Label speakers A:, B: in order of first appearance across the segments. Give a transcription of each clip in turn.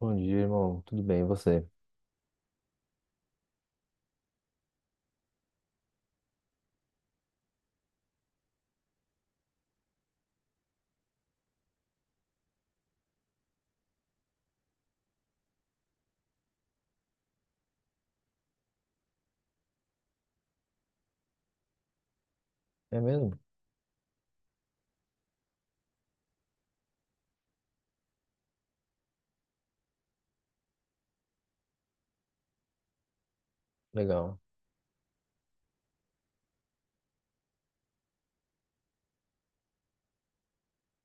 A: Bom dia, irmão. Tudo bem, e você? É mesmo? Legal.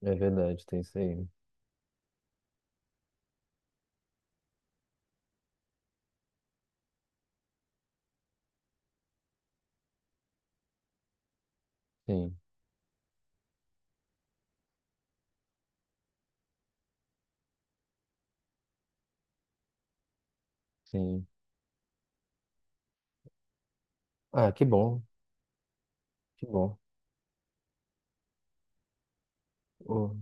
A: É verdade, tem isso aí. Sim, sim. Ah, que bom. Oh,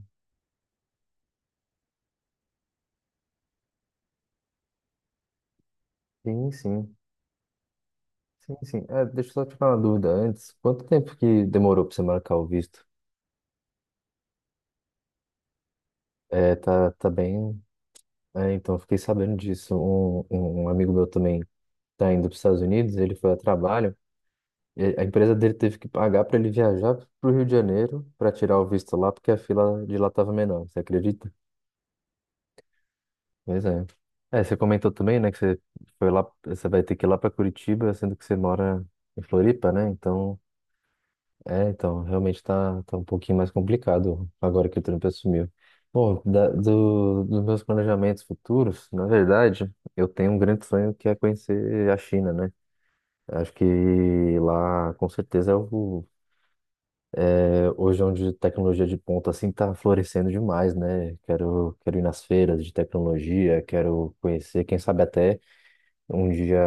A: sim. Sim, sim. Ah, deixa eu só te falar uma dúvida antes. Quanto tempo que demorou pra você marcar o visto? Tá bem. É, então, fiquei sabendo disso. Um amigo meu também tá indo para os Estados Unidos, ele foi a trabalho. A empresa dele teve que pagar para ele viajar para o Rio de Janeiro para tirar o visto lá, porque a fila de lá estava menor. Você acredita? Pois é. É, você comentou também, né, que você foi lá, você vai ter que ir lá para Curitiba, sendo que você mora em Floripa, né? Então, é, então, realmente tá, tá um pouquinho mais complicado agora que o Trump assumiu. Bom, dos meus planejamentos futuros, na verdade, eu tenho um grande sonho que é conhecer a China, né? Acho que lá, com certeza, hoje é onde tecnologia de ponta, assim, está florescendo demais, né? Quero ir nas feiras de tecnologia, quero conhecer, quem sabe até um dia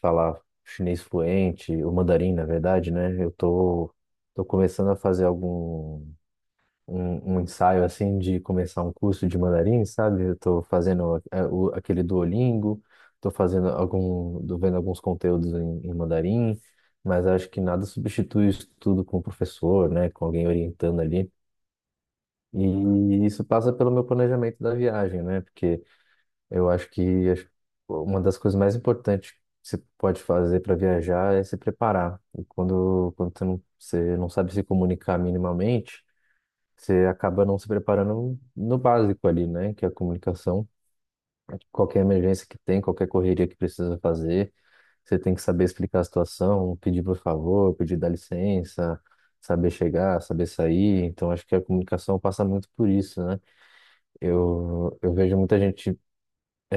A: falar chinês fluente, o mandarim, na verdade, né? Eu tô começando a fazer um ensaio assim de começar um curso de mandarim, sabe? Eu tô fazendo aquele Duolingo, tô fazendo algum, tô vendo alguns conteúdos em mandarim, mas acho que nada substitui isso tudo com o professor, né? Com alguém orientando ali. E isso passa pelo meu planejamento da viagem, né? Porque eu acho que uma das coisas mais importantes que você pode fazer para viajar é se preparar. E quando você não sabe se comunicar minimamente, você acaba não se preparando no básico ali, né? Que é a comunicação. Qualquer emergência que tem, qualquer correria que precisa fazer, você tem que saber explicar a situação, pedir por favor, pedir dá licença, saber chegar, saber sair. Então, acho que a comunicação passa muito por isso, né? Eu vejo muita gente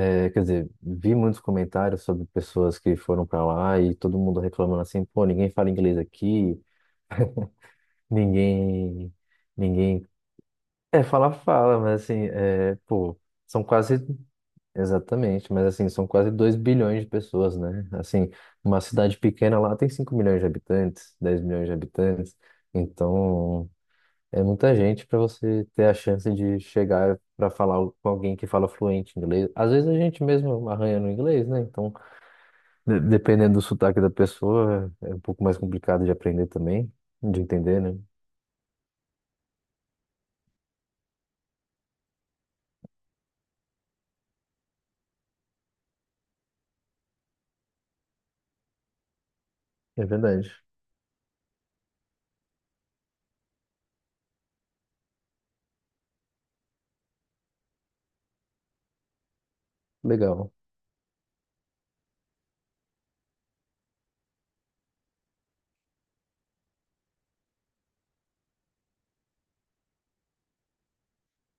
A: É, quer dizer, vi muitos comentários sobre pessoas que foram para lá e todo mundo reclamando assim, pô, ninguém fala inglês aqui, ninguém, ninguém. É, fala, fala, mas assim, é, pô, são quase, exatamente, mas assim, são quase 2 bilhões de pessoas, né? Assim, uma cidade pequena lá tem 5 milhões de habitantes, 10 milhões de habitantes, então é muita gente para você ter a chance de chegar para falar com alguém que fala fluente inglês. Às vezes a gente mesmo arranha no inglês, né? Então Dependendo do sotaque da pessoa, é um pouco mais complicado de aprender também, de entender, né? É verdade. Legal.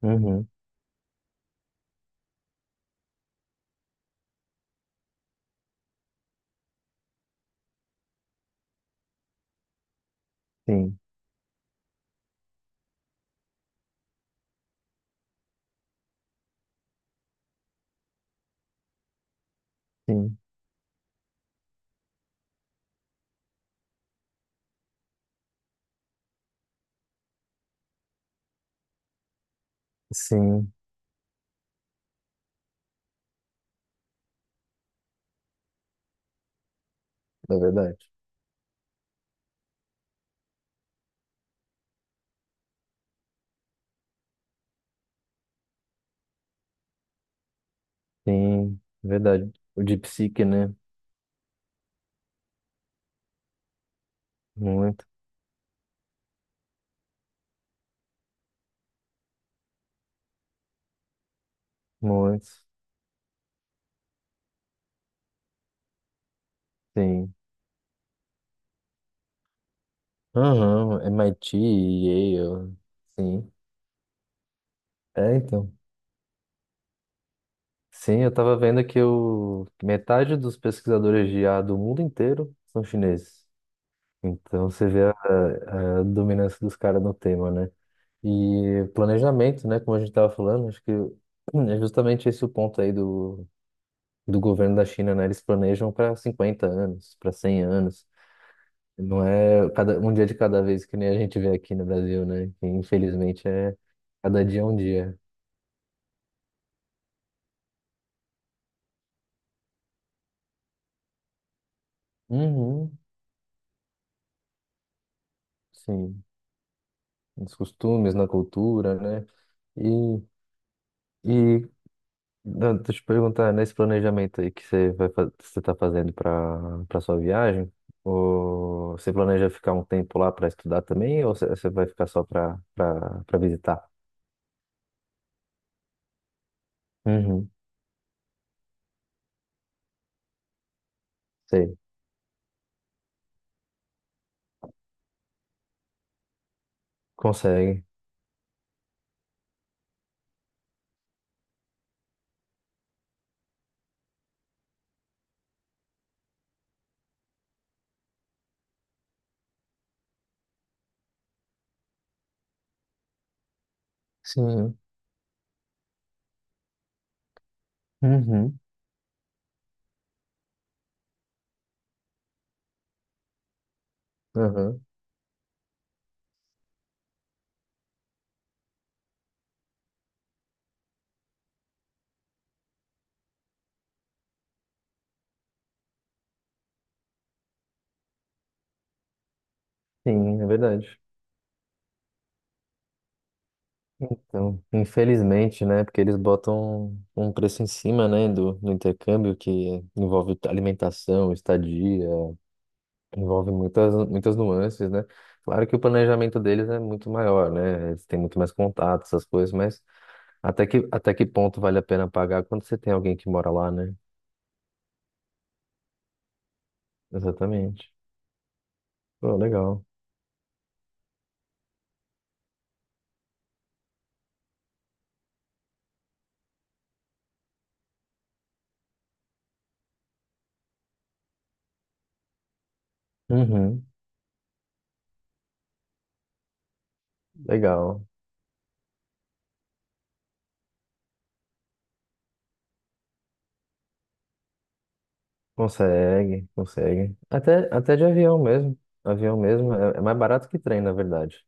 A: Uhum. Sim, sim, sim, é verdade. Sim, verdade. O de psique, né? Muito, muito, sim. Aham, MIT, Yale, sim. É, então. Sim, eu tava vendo que metade dos pesquisadores de IA do mundo inteiro são chineses. Então você vê a dominância dos caras no tema, né? E planejamento, né? Como a gente estava falando, acho que é justamente esse o ponto aí do governo da China, né? Eles planejam para 50 anos, para 100 anos. Não é cada, um dia de cada vez que nem a gente vê aqui no Brasil, né? Que infelizmente é cada dia é um dia. Uhum, sim. Nos costumes, na cultura, né? E E Não, deixa eu te perguntar, nesse planejamento aí que você vai, você está fazendo para para sua viagem, ou você planeja ficar um tempo lá para estudar também, ou você vai ficar só para para visitar? Uhum, sei. Consegue. Sim. Uhum. Uhum. Sim, é verdade. Então, infelizmente, né, porque eles botam um preço em cima, né, do intercâmbio que envolve alimentação, estadia, envolve muitas, muitas nuances, né? Claro que o planejamento deles é muito maior, né? Eles têm muito mais contato, essas coisas, mas até que ponto vale a pena pagar quando você tem alguém que mora lá, né? Exatamente. Pô, legal. Uhum, legal. Consegue, consegue. Até, até de avião mesmo. Avião mesmo é, é mais barato que trem, na verdade.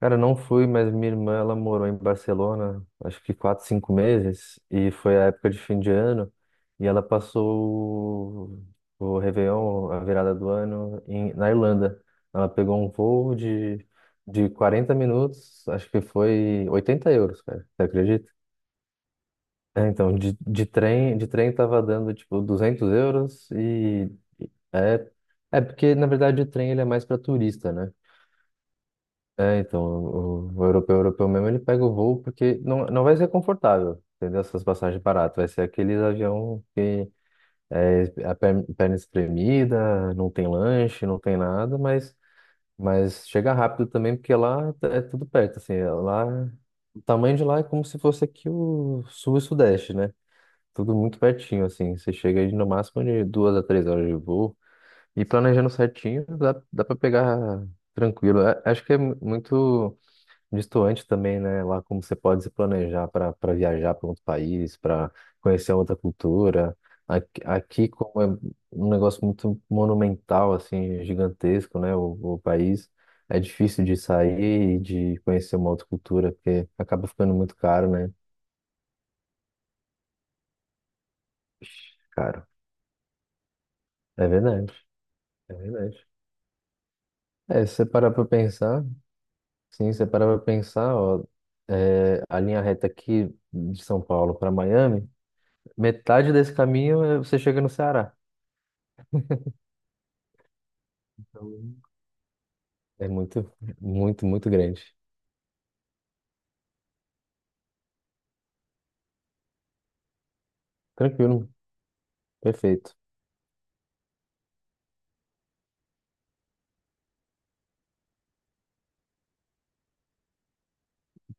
A: Cara, não fui, mas minha irmã, ela morou em Barcelona, acho que quatro, cinco meses, e foi a época de fim de ano, e ela passou o Réveillon, a virada do ano, em, na Irlanda. Ela pegou um voo de 40 minutos, acho que foi 80 euros, cara, você acredita? É, então, de trem, de trem tava dando, tipo, 200 euros, e é, é porque, na verdade, o trem ele é mais para turista, né? É, então, o europeu, europeu mesmo, ele pega o voo porque não, não vai ser confortável, entendeu? Essas passagens baratas. Vai ser aqueles avião que é a perna espremida, não tem lanche, não tem nada, mas chega rápido também porque lá é tudo perto, assim, lá, o tamanho de lá é como se fosse aqui o sul e sudeste, né? Tudo muito pertinho, assim, você chega aí no máximo de 2 a 3 horas de voo e planejando certinho, dá, dá para pegar tranquilo. É- acho que é muito distoante também, né? Lá como você pode se planejar para para viajar para outro país, para conhecer outra cultura. Aqui, aqui, como é um negócio muito monumental, assim, gigantesco, né? O país, é difícil de sair e de conhecer uma outra cultura, porque acaba ficando muito caro, né? Ixi, caro. É verdade, é verdade. É, se você parar para pensar, sim, se você parar para pensar, ó, é, a linha reta aqui de São Paulo para Miami. Metade desse caminho é- você chega no Ceará. Então, é muito, muito, muito grande. Tranquilo, perfeito.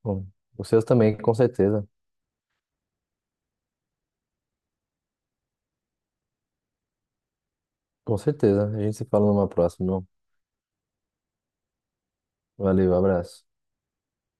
A: Bom, os seus também, com certeza. Com certeza. A gente se fala numa próxima. Não? Valeu, abraço.